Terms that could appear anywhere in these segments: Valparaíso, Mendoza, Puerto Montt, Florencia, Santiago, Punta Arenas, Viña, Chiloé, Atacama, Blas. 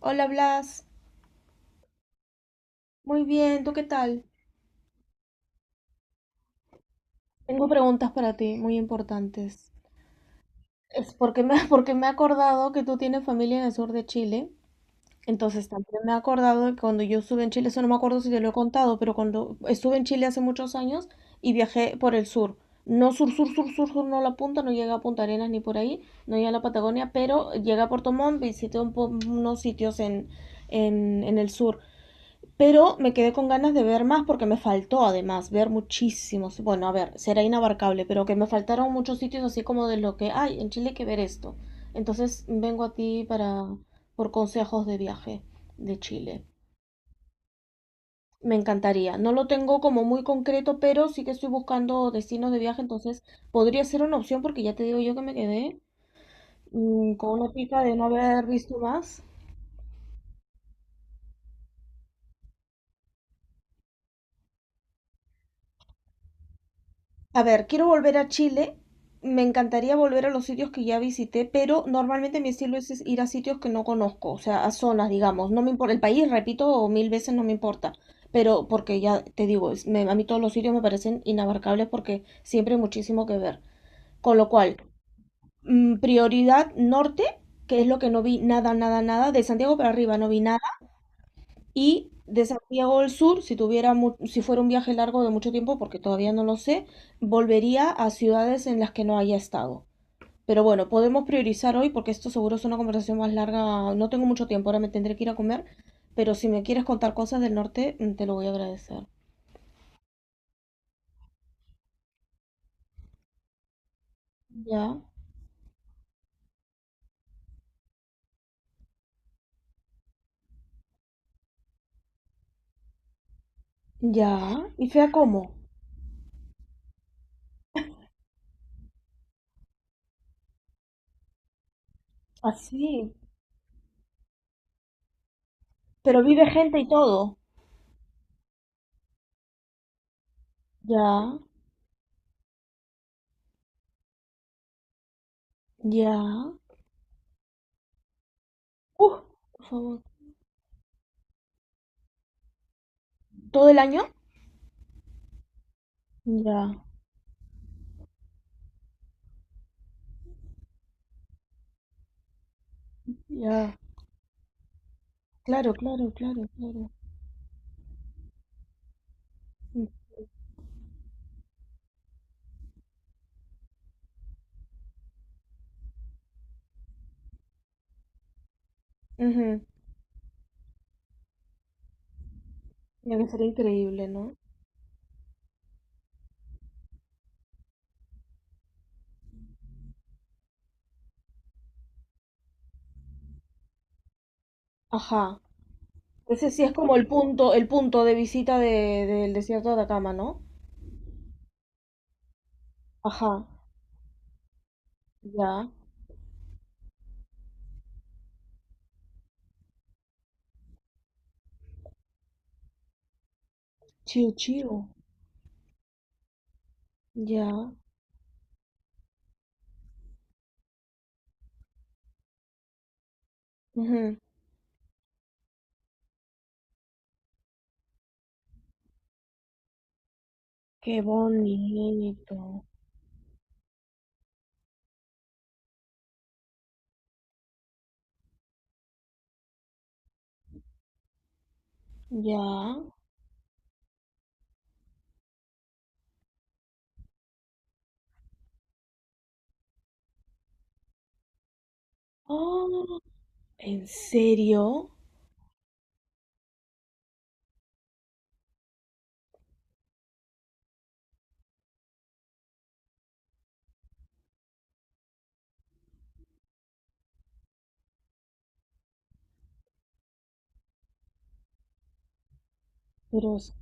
Hola Blas, muy bien, ¿tú qué tal? Tengo preguntas para ti, muy importantes. Porque me he acordado que tú tienes familia en el sur de Chile, entonces también me he acordado que cuando yo estuve en Chile, eso no me acuerdo si te lo he contado, pero cuando estuve en Chile hace muchos años y viajé por el sur, no sur, sur, sur, sur, sur, no la punta, no llegué a Punta Arenas ni por ahí, no llegué a la Patagonia, pero llegué a Puerto Montt, visité unos sitios en el sur. Pero me quedé con ganas de ver más porque me faltó además ver muchísimos. Bueno, a ver, será inabarcable, pero que me faltaron muchos sitios así como de lo que hay en Chile hay que ver esto. Entonces vengo a ti para por consejos de viaje de Chile. Me encantaría. No lo tengo como muy concreto, pero sí que estoy buscando destinos de viaje, entonces podría ser una opción porque ya te digo yo que me quedé con una pica de no haber visto más. A ver, quiero volver a Chile. Me encantaría volver a los sitios que ya visité, pero normalmente mi estilo es ir a sitios que no conozco, o sea, a zonas, digamos. No me importa el país, repito, mil veces no me importa. Pero porque ya te digo, a mí todos los sitios me parecen inabarcables porque siempre hay muchísimo que ver. Con lo cual, prioridad norte, que es lo que no vi nada, nada, nada. De Santiago para arriba no vi nada y de Santiago del Sur, si tuviera si fuera un viaje largo de mucho tiempo, porque todavía no lo sé, volvería a ciudades en las que no haya estado. Pero bueno, podemos priorizar hoy porque esto seguro es una conversación más larga. No tengo mucho tiempo, ahora me tendré que ir a comer. Pero si me quieres contar cosas del norte, te lo voy a agradecer. Ya, ya. ¿Y fea cómo? Así. Pero vive gente y todo. Ya, ya. Uh, por favor. ¿Todo el año? Ya, ya. Claro, claro, claro, claro. Mm. Ujú. Debe ser increíble, ¿no? Ajá. Ese sí es como el punto de visita de, del desierto de Atacama, ¿no? Ajá. Ya. Chiu chiu. Ya. Ujú. Qué bonito. Ya. Ah, ¿en serio? Pero es,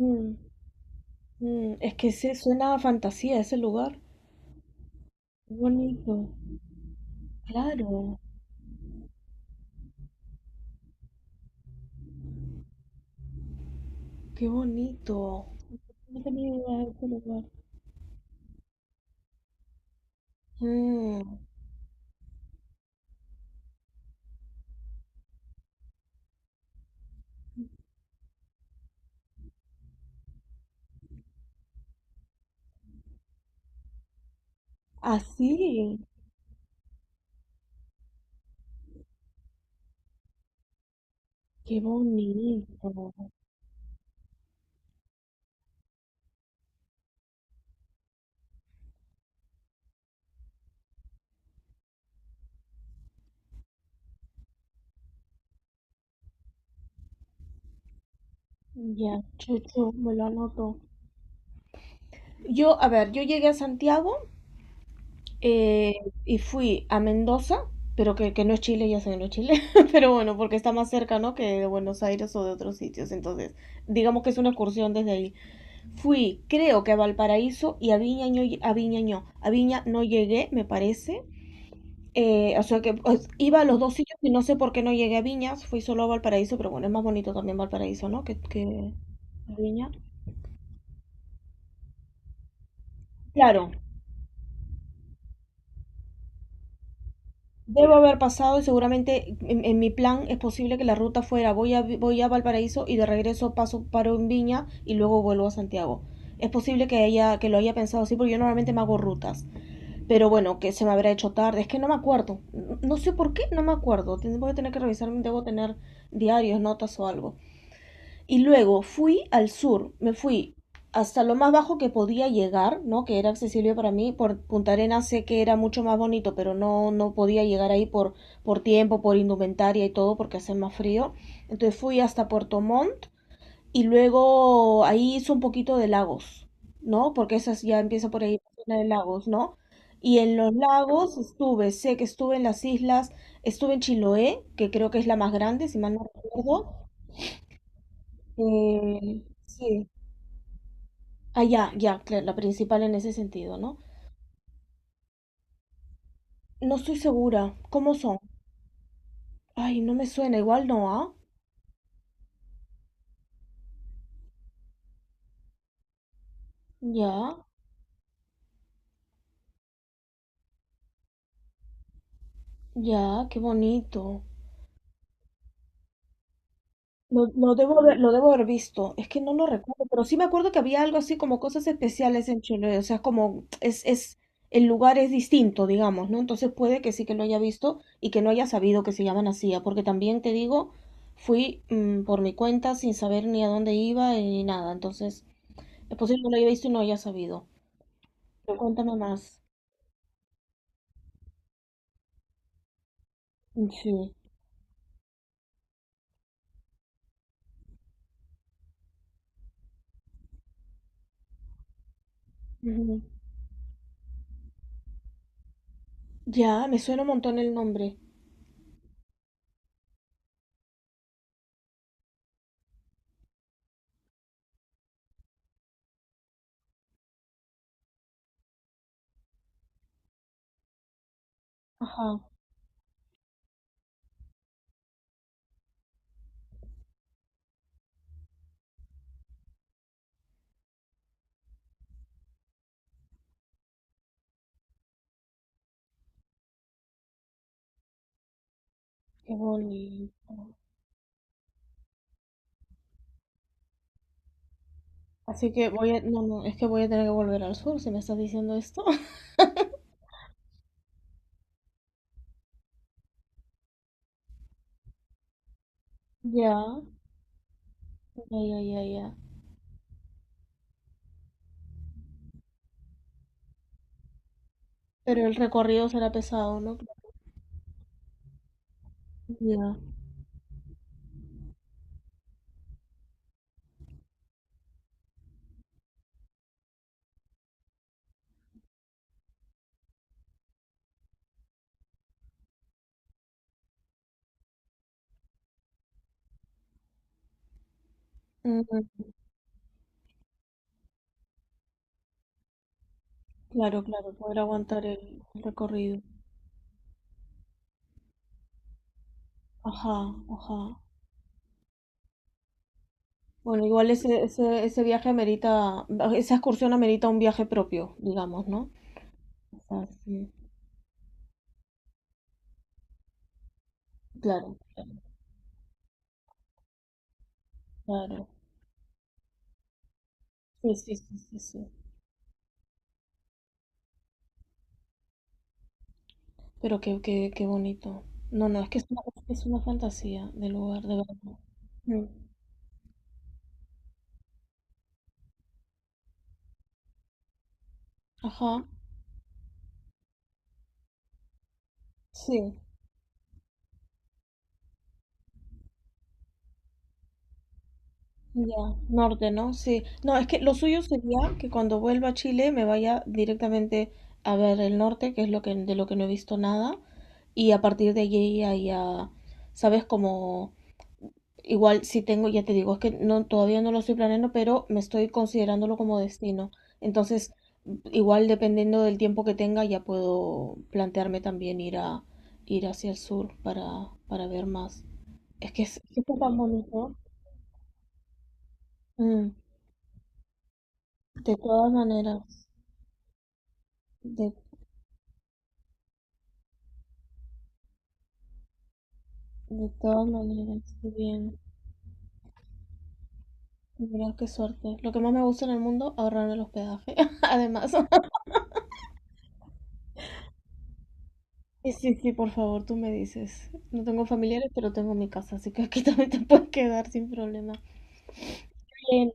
mm, es que se suena a fantasía ese lugar. Qué bonito. Claro. Qué bonito. No tenía idea de ese lugar. Mm, así. Qué bonito. Ya, chucho, me lo anoto. Yo, a ver, yo llegué a Santiago eh, y fui a Mendoza, pero que no es Chile, ya sé que no es Chile, pero bueno, porque está más cerca, ¿no? Que de Buenos Aires o de otros sitios. Entonces, digamos que es una excursión desde ahí. Fui, creo que a Valparaíso y a Viña, a Viña no. A Viña no llegué, me parece. O sea que pues, iba a los dos sitios y no sé por qué no llegué a Viñas, fui solo a Valparaíso, pero bueno, es más bonito también Valparaíso, ¿no? Que Viña. Claro, debo haber pasado y seguramente en mi plan es posible que la ruta fuera voy a Valparaíso y de regreso paso paro en Viña y luego vuelvo a Santiago. Es posible que haya, que lo haya pensado así porque yo normalmente me hago rutas. Pero bueno, que se me habrá hecho tarde, es que no me acuerdo. No sé por qué, no me acuerdo. Voy a tener que revisar, debo tener diarios, notas o algo. Y luego fui al sur, me fui hasta lo más bajo que podía llegar, ¿no? Que era accesible para mí. Por Punta Arenas sé que era mucho más bonito, pero no, no podía llegar ahí por tiempo, por indumentaria y todo, porque hace más frío. Entonces fui hasta Puerto Montt y luego ahí hice un poquito de lagos, ¿no? Porque esas ya empieza por ahí, la zona de lagos, ¿no? Y en los lagos estuve, sé que estuve en las islas, estuve en Chiloé, que creo que es la más grande, si mal no recuerdo. Sí. Ah, ya, ya, claro, la principal en ese sentido, ¿no? No estoy segura. ¿Cómo son? Ay, no me suena. Igual no, ¿ah? Ya, ya, qué bonito. Lo debo haber visto. Es que no lo recuerdo, pero sí me acuerdo que había algo así como cosas especiales en Chile. O sea, es, el lugar es distinto, digamos, ¿no? Entonces puede que sí que lo haya visto y que no haya sabido que se llaman así, ¿ah? Porque también te digo, fui por mi cuenta sin saber ni a dónde iba ni nada. Entonces, es posible que no lo haya visto y no haya sabido. Pero cuéntame más. Sí. Ujú. Ya, me suena un montón el nombre. Ajá, qué bonito. Así que voy a... No, no, es que voy a tener que volver al sur si me estás diciendo esto. Ya, ya, ya, ya, ya. Pero el recorrido será pesado, ¿no? Ya. Mm, claro, claro, poder aguantar el recorrido. Ajá, ajá. Bueno, igual ese, ese, ese viaje amerita, esa excursión amerita un viaje propio, digamos, ¿no? O sea, sí. Claro, claro, claro. Sí, sí, sí, sí, sí. Pero qué, qué, qué bonito. No, no, es que es una fantasía de lugar, de verdad. Mm. Ajá, sí, ya, norte, ¿no? Sí. No, es que lo suyo sería que cuando vuelva a Chile me vaya directamente a ver el norte, que es lo que, de lo que no he visto nada, y a partir de allí ahí a, ¿sabes? Como igual si tengo, ya te digo, es que no, todavía no lo estoy planeando, pero me estoy considerándolo como destino. Entonces, igual dependiendo del tiempo que tenga, ya puedo plantearme también ir hacia el sur para ver más. Es que está tan bonito. Mm, de todas maneras, de, de todas maneras, qué bien. Mira qué suerte. Lo que más me gusta en el mundo, ahorrarme el hospedaje, además. Sí, sí, sí, por favor, tú me dices. No tengo familiares, pero tengo mi casa, así que aquí también te puedes quedar sin problema. Bien,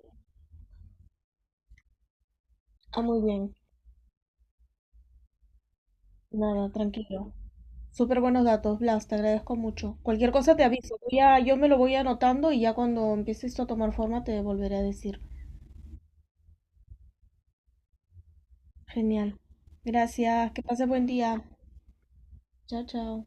ah, muy bien. Nada, tranquilo. Súper buenos datos, Blas, te agradezco mucho. Cualquier cosa te aviso. Yo me lo voy anotando y ya cuando empiece esto a tomar forma te volveré a decir. Genial. Gracias, que pases buen día. Chao, chao.